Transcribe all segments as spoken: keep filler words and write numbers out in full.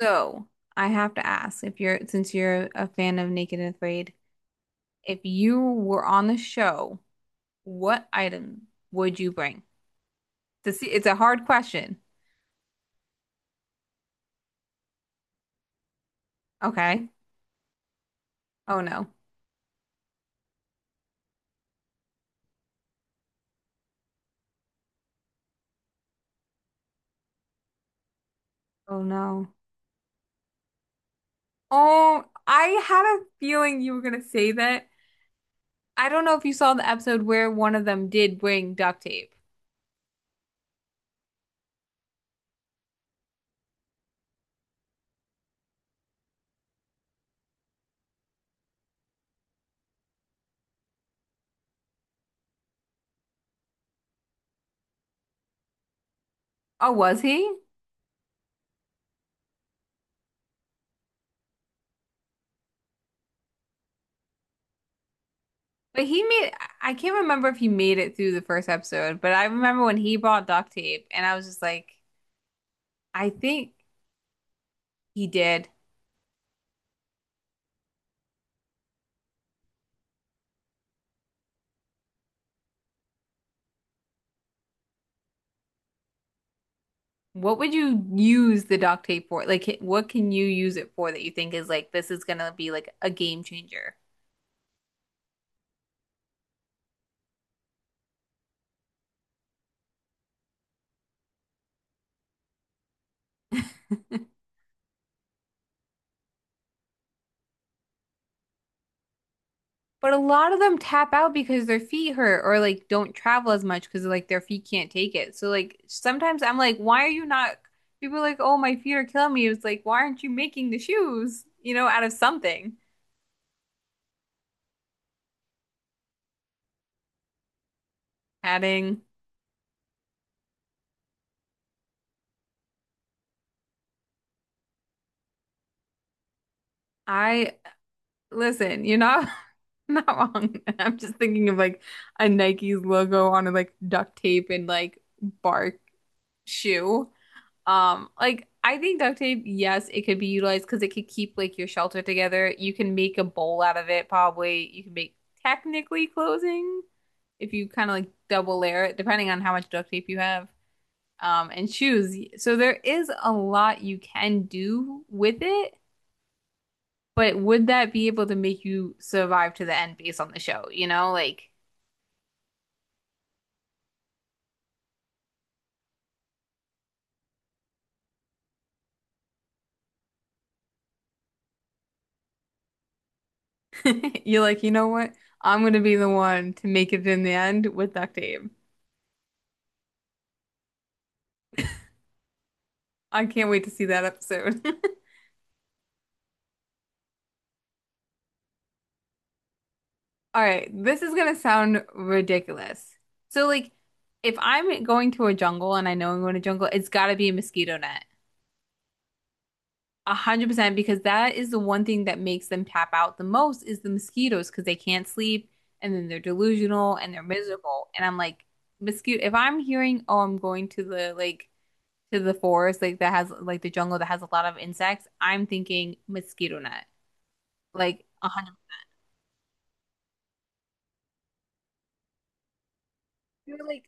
So I have to ask, if you're since you're a fan of Naked and Afraid, if you were on the show, what item would you bring? To see, it's a hard question. Okay. Oh no. Oh no. Oh, I had a feeling you were gonna say that. I don't know if you saw the episode where one of them did bring duct tape. Oh, was he? But he made, I I can't remember if he made it through the first episode, but I remember when he brought duct tape, and I was just like, I think he did. What would you use the doc tape for? Like, what can you use it for that you think is like, this is gonna be like a game changer? But a lot of them tap out because their feet hurt or like don't travel as much because like their feet can't take it. So like sometimes I'm like, why are you not? People are like, oh, my feet are killing me. It's like, why aren't you making the shoes, you know, out of something? Adding, I listen, you're not not wrong. I'm just thinking of like a Nike's logo on like duct tape and like bark shoe. Um, like I think duct tape, yes, it could be utilized because it could keep like your shelter together. You can make a bowl out of it, probably. You can make technically clothing if you kind of like double layer it, depending on how much duct tape you have. Um, and shoes. So there is a lot you can do with it, but would that be able to make you survive to the end based on the show? You know, like you're like, you know what? I'm gonna be the one to make it in the end with duct tape. I can't wait to see that episode. All right, this is gonna sound ridiculous. So, like, if I'm going to a jungle and I know I'm going to jungle, it's gotta be a mosquito net. A hundred percent, because that is the one thing that makes them tap out the most is the mosquitoes, because they can't sleep and then they're delusional and they're miserable. And I'm like, mosquito. If I'm hearing, oh, I'm going to the like to the forest like that has like the jungle that has a lot of insects, I'm thinking mosquito net, like a hundred. You're like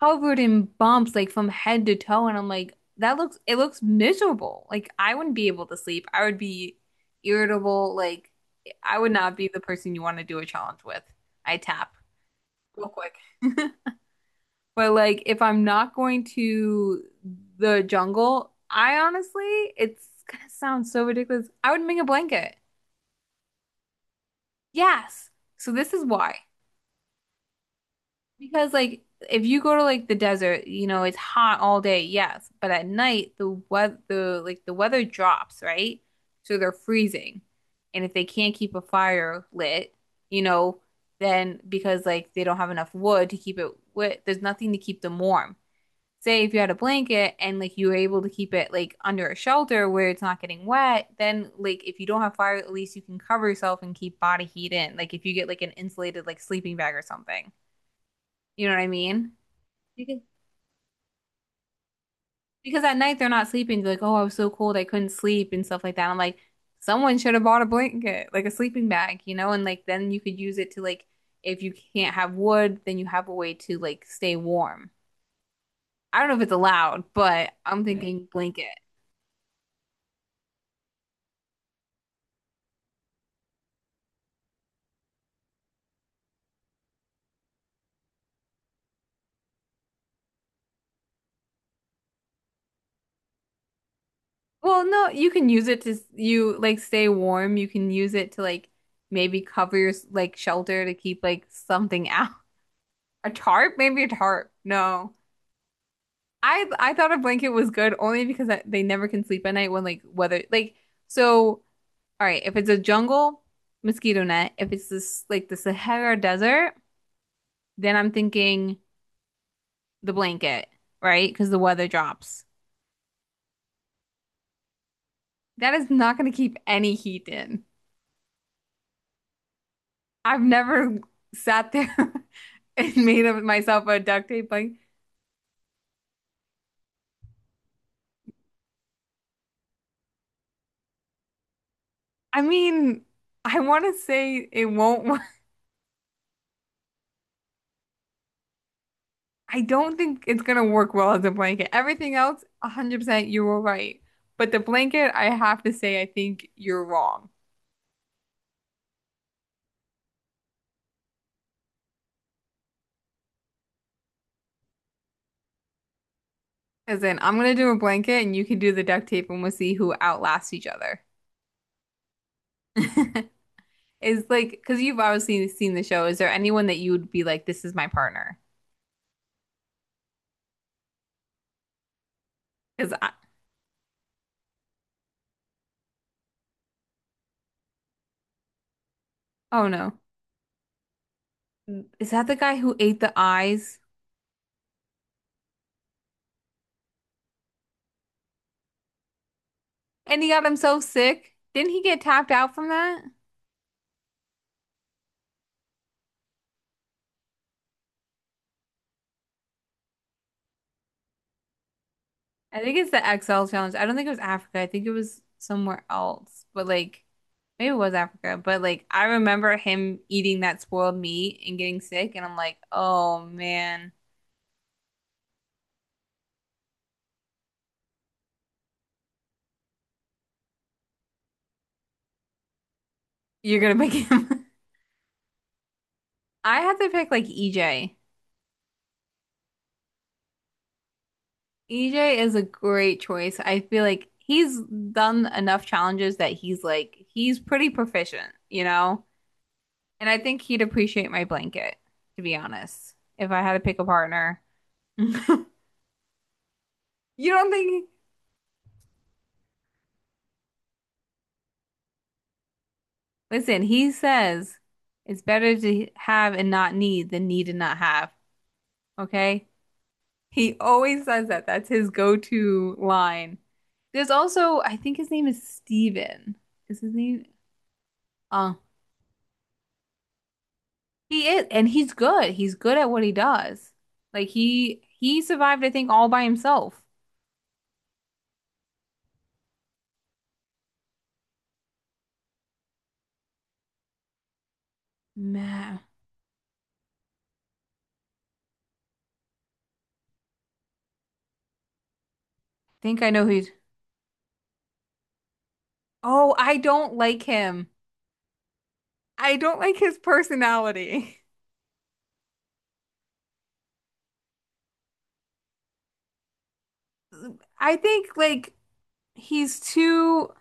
covered in bumps, like from head to toe, and I'm like, that looks it looks miserable. Like I wouldn't be able to sleep. I would be irritable. Like I would not be the person you want to do a challenge with. I tap real quick. But like if I'm not going to the jungle, I honestly, it's gonna sound so ridiculous. I would make a blanket. Yes. So this is why. Because like if you go to like the desert, you know, it's hot all day, yes, but at night the weather the like the weather drops, right? So they're freezing. And if they can't keep a fire lit, you know, then because like they don't have enough wood to keep it lit, there's nothing to keep them warm. Say if you had a blanket and like you were able to keep it like under a shelter where it's not getting wet, then like if you don't have fire, at least you can cover yourself and keep body heat in. Like if you get like an insulated like sleeping bag or something. You know what I mean? Because because at night they're not sleeping. They're like, oh, I was so cold, I couldn't sleep and stuff like that. I'm like, someone should have bought a blanket, like a sleeping bag, you know, and like then you could use it to like if you can't have wood, then you have a way to like stay warm. I don't know if it's allowed, but I'm thinking blanket. Well, no, you can use it to s- you like stay warm. You can use it to like maybe cover your like shelter to keep like something out. A tarp? Maybe a tarp. No. I I thought a blanket was good only because I, they never can sleep at night when like weather like. So all right, if it's a jungle, mosquito net. If it's this like the Sahara Desert, then I'm thinking the blanket, right? Because the weather drops. That is not going to keep any heat in. I've never sat there and made of myself a duct tape like. I mean, I want to say it won't. I don't think it's gonna work well as a blanket. Everything else, one hundred percent you were right. But the blanket, I have to say, I think you're wrong. As in, I'm gonna do a blanket and you can do the duct tape and we'll see who outlasts each other. Is like, because you've obviously seen the show. Is there anyone that you would be like, this is my partner? Because I, oh no. Is that the guy who ate the eyes? And he got himself sick? Didn't he get tapped out from that? I think it's the X L challenge. I don't think it was Africa. I think it was somewhere else. But like maybe it was Africa. But like I remember him eating that spoiled meat and getting sick and I'm like, "Oh man, you're gonna pick him." I have to pick like E J. E J is a great choice. I feel like he's done enough challenges that he's like he's pretty proficient, you know? And I think he'd appreciate my blanket, to be honest, if I had to pick a partner. You don't think. Listen, he says it's better to have and not need than need and not have. Okay? He always says that. That's his go-to line. There's also, I think his name is Steven. Is his name? Uh, he is, and he's good. He's good at what he does. Like he he survived, I think, all by himself. Man, I think I know who's. Oh, I don't like him. I don't like his personality. I think like he's too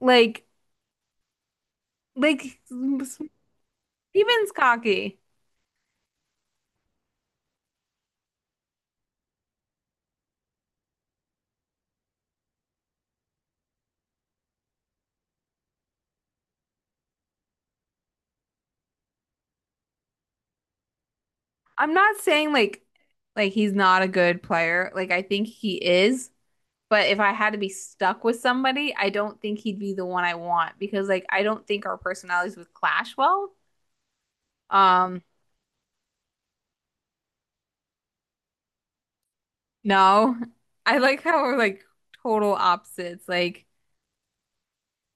like. Like Steven Skokie. I'm not saying like like he's not a good player. Like I think he is, but if I had to be stuck with somebody, I don't think he'd be the one I want because like I don't think our personalities would clash well. Um, no. I like how we're like total opposites. Like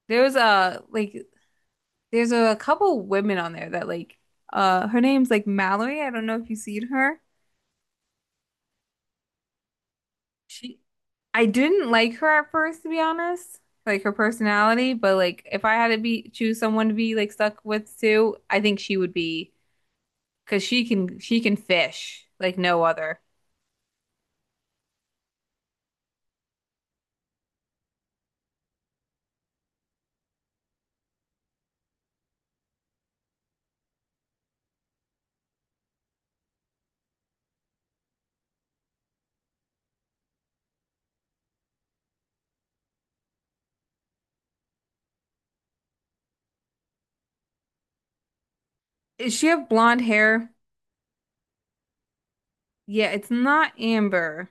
there was a like there's a couple women on there that like uh her name's like Mallory. I don't know if you've seen her. She I didn't like her at first, to be honest. Like her personality, but like if I had to be choose someone to be like stuck with too, I think she would be because she can she can fish like no other. Does she have blonde hair? Yeah, it's not Amber.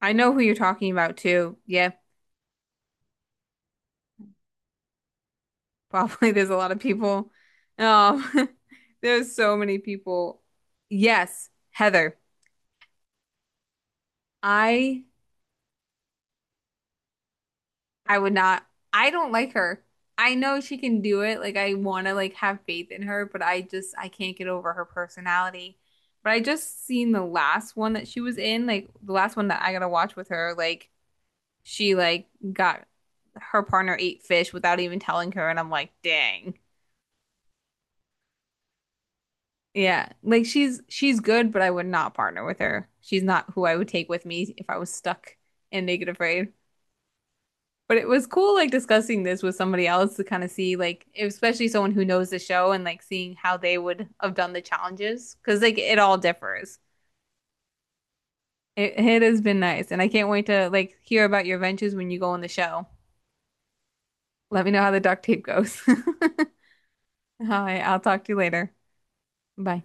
I know who you're talking about too. Yeah, probably there's a lot of people. Um, there's so many people. Yes, Heather. I I would not. I don't like her. I know she can do it. Like I want to like have faith in her, but I just I can't get over her personality. But I just seen the last one that she was in, like the last one that I gotta watch with her. Like she like got her partner ate fish without even telling her, and I'm like, dang. Yeah, like she's she's good, but I would not partner with her. She's not who I would take with me if I was stuck in Naked Afraid. But it was cool like discussing this with somebody else to kind of see like especially someone who knows the show and like seeing how they would have done the challenges because like it all differs. It, it has been nice and I can't wait to like hear about your ventures when you go on the show. Let me know how the duct tape goes. All right, I'll talk to you later. Bye.